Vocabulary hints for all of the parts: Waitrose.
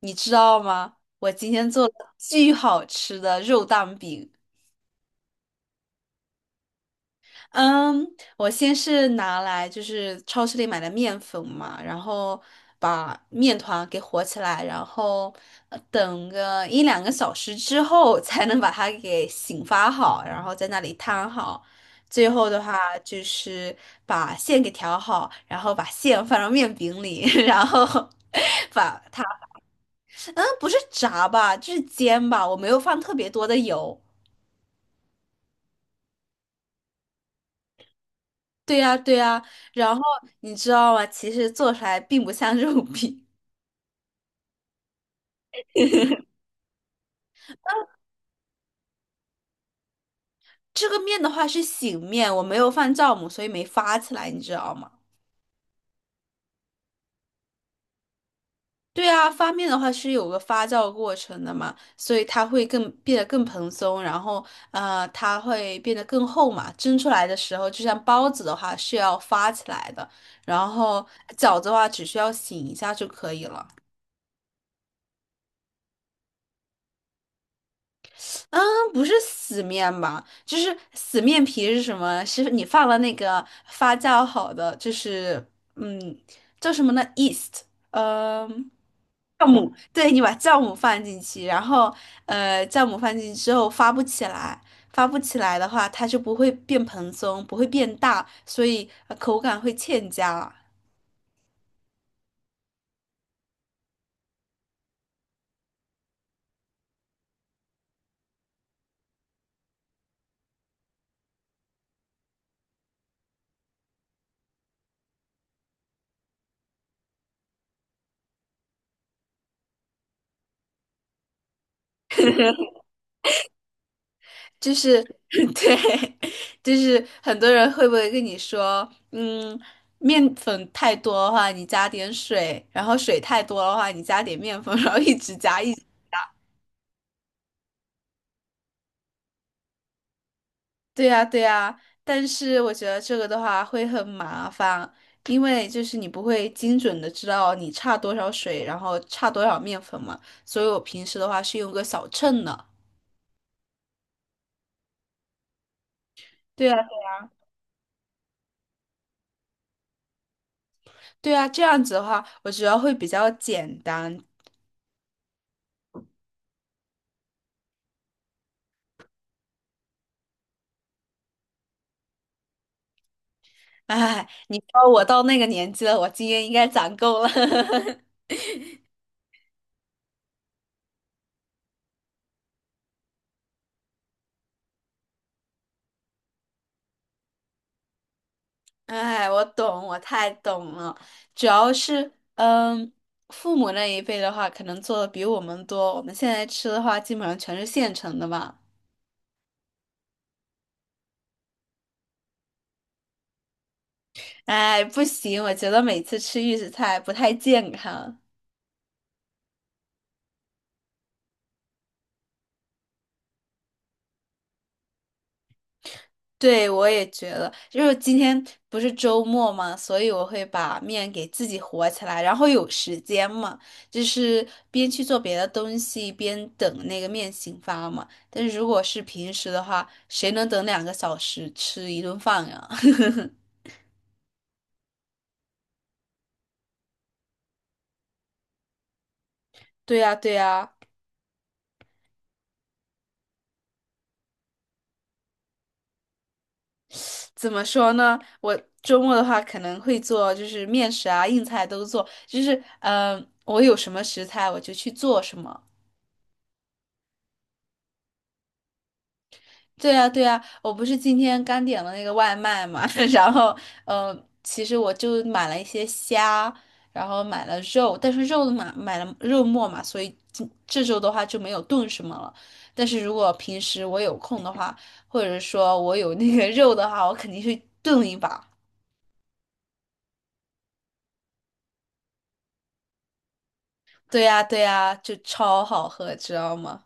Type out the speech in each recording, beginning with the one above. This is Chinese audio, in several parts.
你知道吗？我今天做了巨好吃的肉蛋饼。嗯，我先是拿来就是超市里买的面粉嘛，然后把面团给和起来，然后等个1、2个小时之后才能把它给醒发好，然后在那里摊好。最后的话就是把馅给调好，然后把馅放到面饼里，然后 把它。嗯，不是炸吧，就是煎吧，我没有放特别多的油。对呀，对呀，然后你知道吗？其实做出来并不像 肉饼。这个面的话是醒面，我没有放酵母，所以没发起来，你知道吗？对啊，发面的话是有个发酵过程的嘛，所以它会更变得更蓬松，然后它会变得更厚嘛。蒸出来的时候，就像包子的话是要发起来的，然后饺子的话只需要醒一下就可以了。嗯，不是死面吧？就是死面皮是什么？是你放了那个发酵好的，就是嗯，叫什么呢 east 嗯，对，你把酵母放进去，然后酵母放进去之后发不起来，发不起来的话，它就不会变蓬松，不会变大，所以口感会欠佳。就是 对，就是很多人会不会跟你说，嗯，面粉太多的话，你加点水；然后水太多的话，你加点面粉，然后一直加一直对呀，对呀。但是我觉得这个的话会很麻烦，因为就是你不会精准的知道你差多少水，然后差多少面粉嘛。所以我平时的话是用个小秤的。对啊，对啊，这样子的话，我觉得会比较简单。哎，你说我到那个年纪了，我经验应该攒够了。哎，我懂，我太懂了。主要是，嗯，父母那一辈的话，可能做的比我们多。我们现在吃的话，基本上全是现成的嘛。哎，不行，我觉得每次吃预制菜不太健康。对，我也觉得，就是今天不是周末嘛，所以我会把面给自己和起来，然后有时间嘛，就是边去做别的东西，边等那个面醒发嘛。但是如果是平时的话，谁能等两个小时吃一顿饭呀？对呀，对呀，怎么说呢？我周末的话可能会做，就是面食啊、硬菜都做，就是嗯、我有什么食材我就去做什么。对呀，对呀，我不是今天刚点了那个外卖嘛，然后，嗯、其实我就买了一些虾，然后买了肉，但是肉的嘛，买了肉末嘛，所以这周的话就没有炖什么了。但是如果平时我有空的话，或者说我有那个肉的话，我肯定去炖一把。对呀，对呀，就超好喝，知道吗？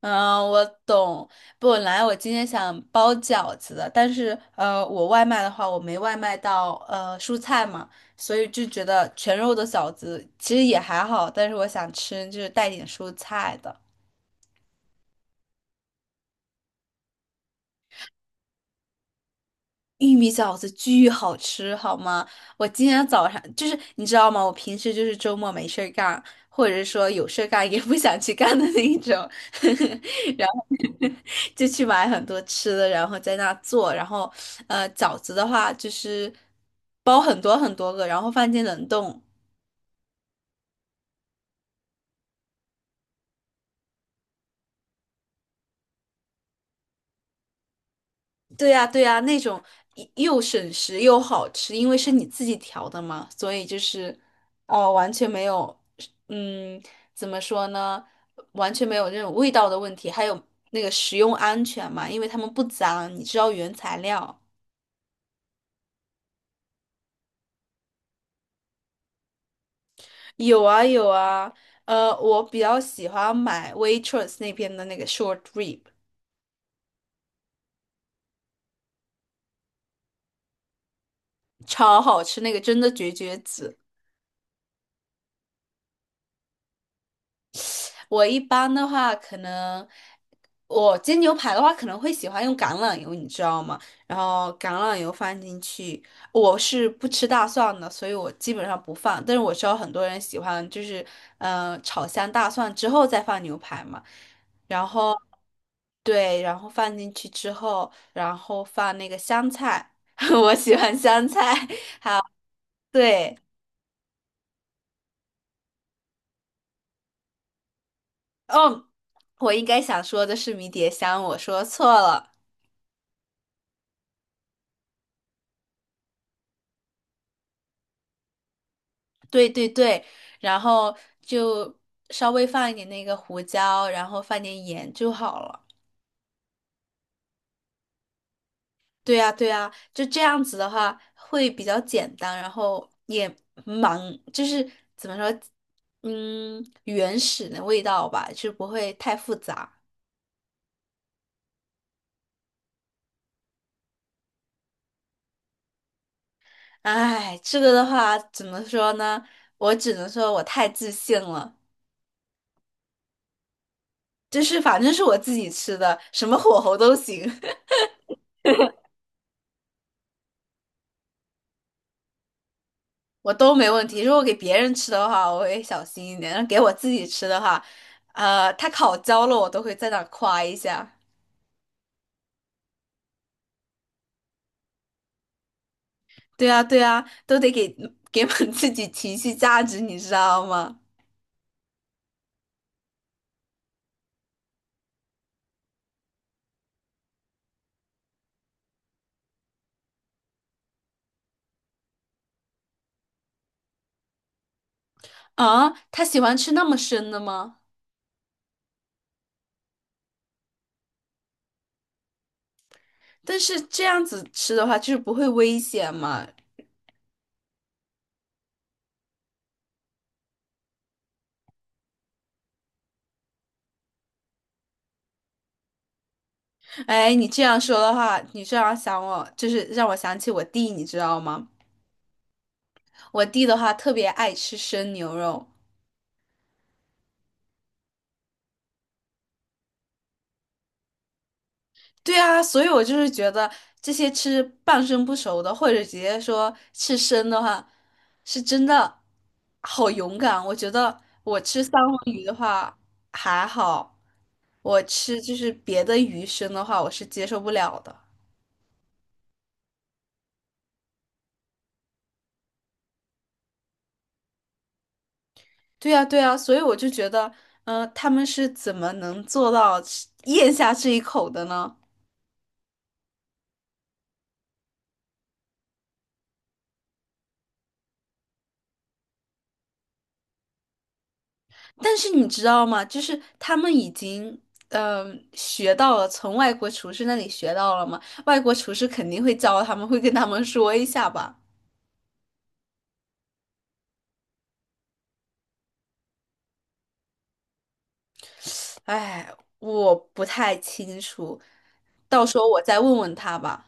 嗯，我懂。本来我今天想包饺子的，但是我外卖的话，我没外卖到蔬菜嘛，所以就觉得全肉的饺子其实也还好，但是我想吃就是带点蔬菜的。玉米饺子巨好吃，好吗？我今天早上就是你知道吗？我平时就是周末没事儿干，或者是说有事儿干也不想去干的那一种。就去买很多吃的，然后在那做。然后，饺子的话就是包很多很多个，然后放进冷冻。对呀，对呀，那种一又省时又好吃，因为是你自己调的嘛，所以就是，哦，完全没有，嗯，怎么说呢？完全没有那种味道的问题，还有那个食用安全嘛，因为他们不脏，你知道原材料。有啊有啊，我比较喜欢买 Waitrose 那边的那个 short rib。超好吃，那个真的绝绝子。我一般的话，可能我煎牛排的话，可能会喜欢用橄榄油，你知道吗？然后橄榄油放进去，我是不吃大蒜的，所以我基本上不放。但是我知道很多人喜欢，就是嗯，炒香大蒜之后再放牛排嘛。然后对，然后放进去之后，然后放那个香菜，我喜欢香菜，对。哦，我应该想说的是迷迭香，我说错了。对对对，然后就稍微放一点那个胡椒，然后放点盐就好了。对呀对呀，就这样子的话会比较简单，然后也蛮就是怎么说，嗯，原始的味道吧，就不会太复杂。哎，这个的话怎么说呢？我只能说我太自信了，就是反正是我自己吃的，什么火候都行。我都没问题。如果给别人吃的话，我会小心一点；但给我自己吃的话，它烤焦了，我都会在那儿夸一下。对啊，对啊，都得给给我 们自己情绪价值，你知道吗？啊，他喜欢吃那么生的吗？但是这样子吃的话，就是不会危险嘛。哎，你这样说的话，你这样想我，就是让我想起我弟，你知道吗？我弟的话特别爱吃生牛肉，对啊，所以我就是觉得这些吃半生不熟的，或者直接说吃生的话，是真的好勇敢。我觉得我吃三文鱼的话还好，我吃就是别的鱼生的话，我是接受不了的。对呀，对呀，所以我就觉得，嗯、他们是怎么能做到吃咽下这一口的呢？但是你知道吗？就是他们已经嗯、学到了，从外国厨师那里学到了嘛。外国厨师肯定会教他们，会跟他们说一下吧。哎，我不太清楚，到时候我再问问他吧。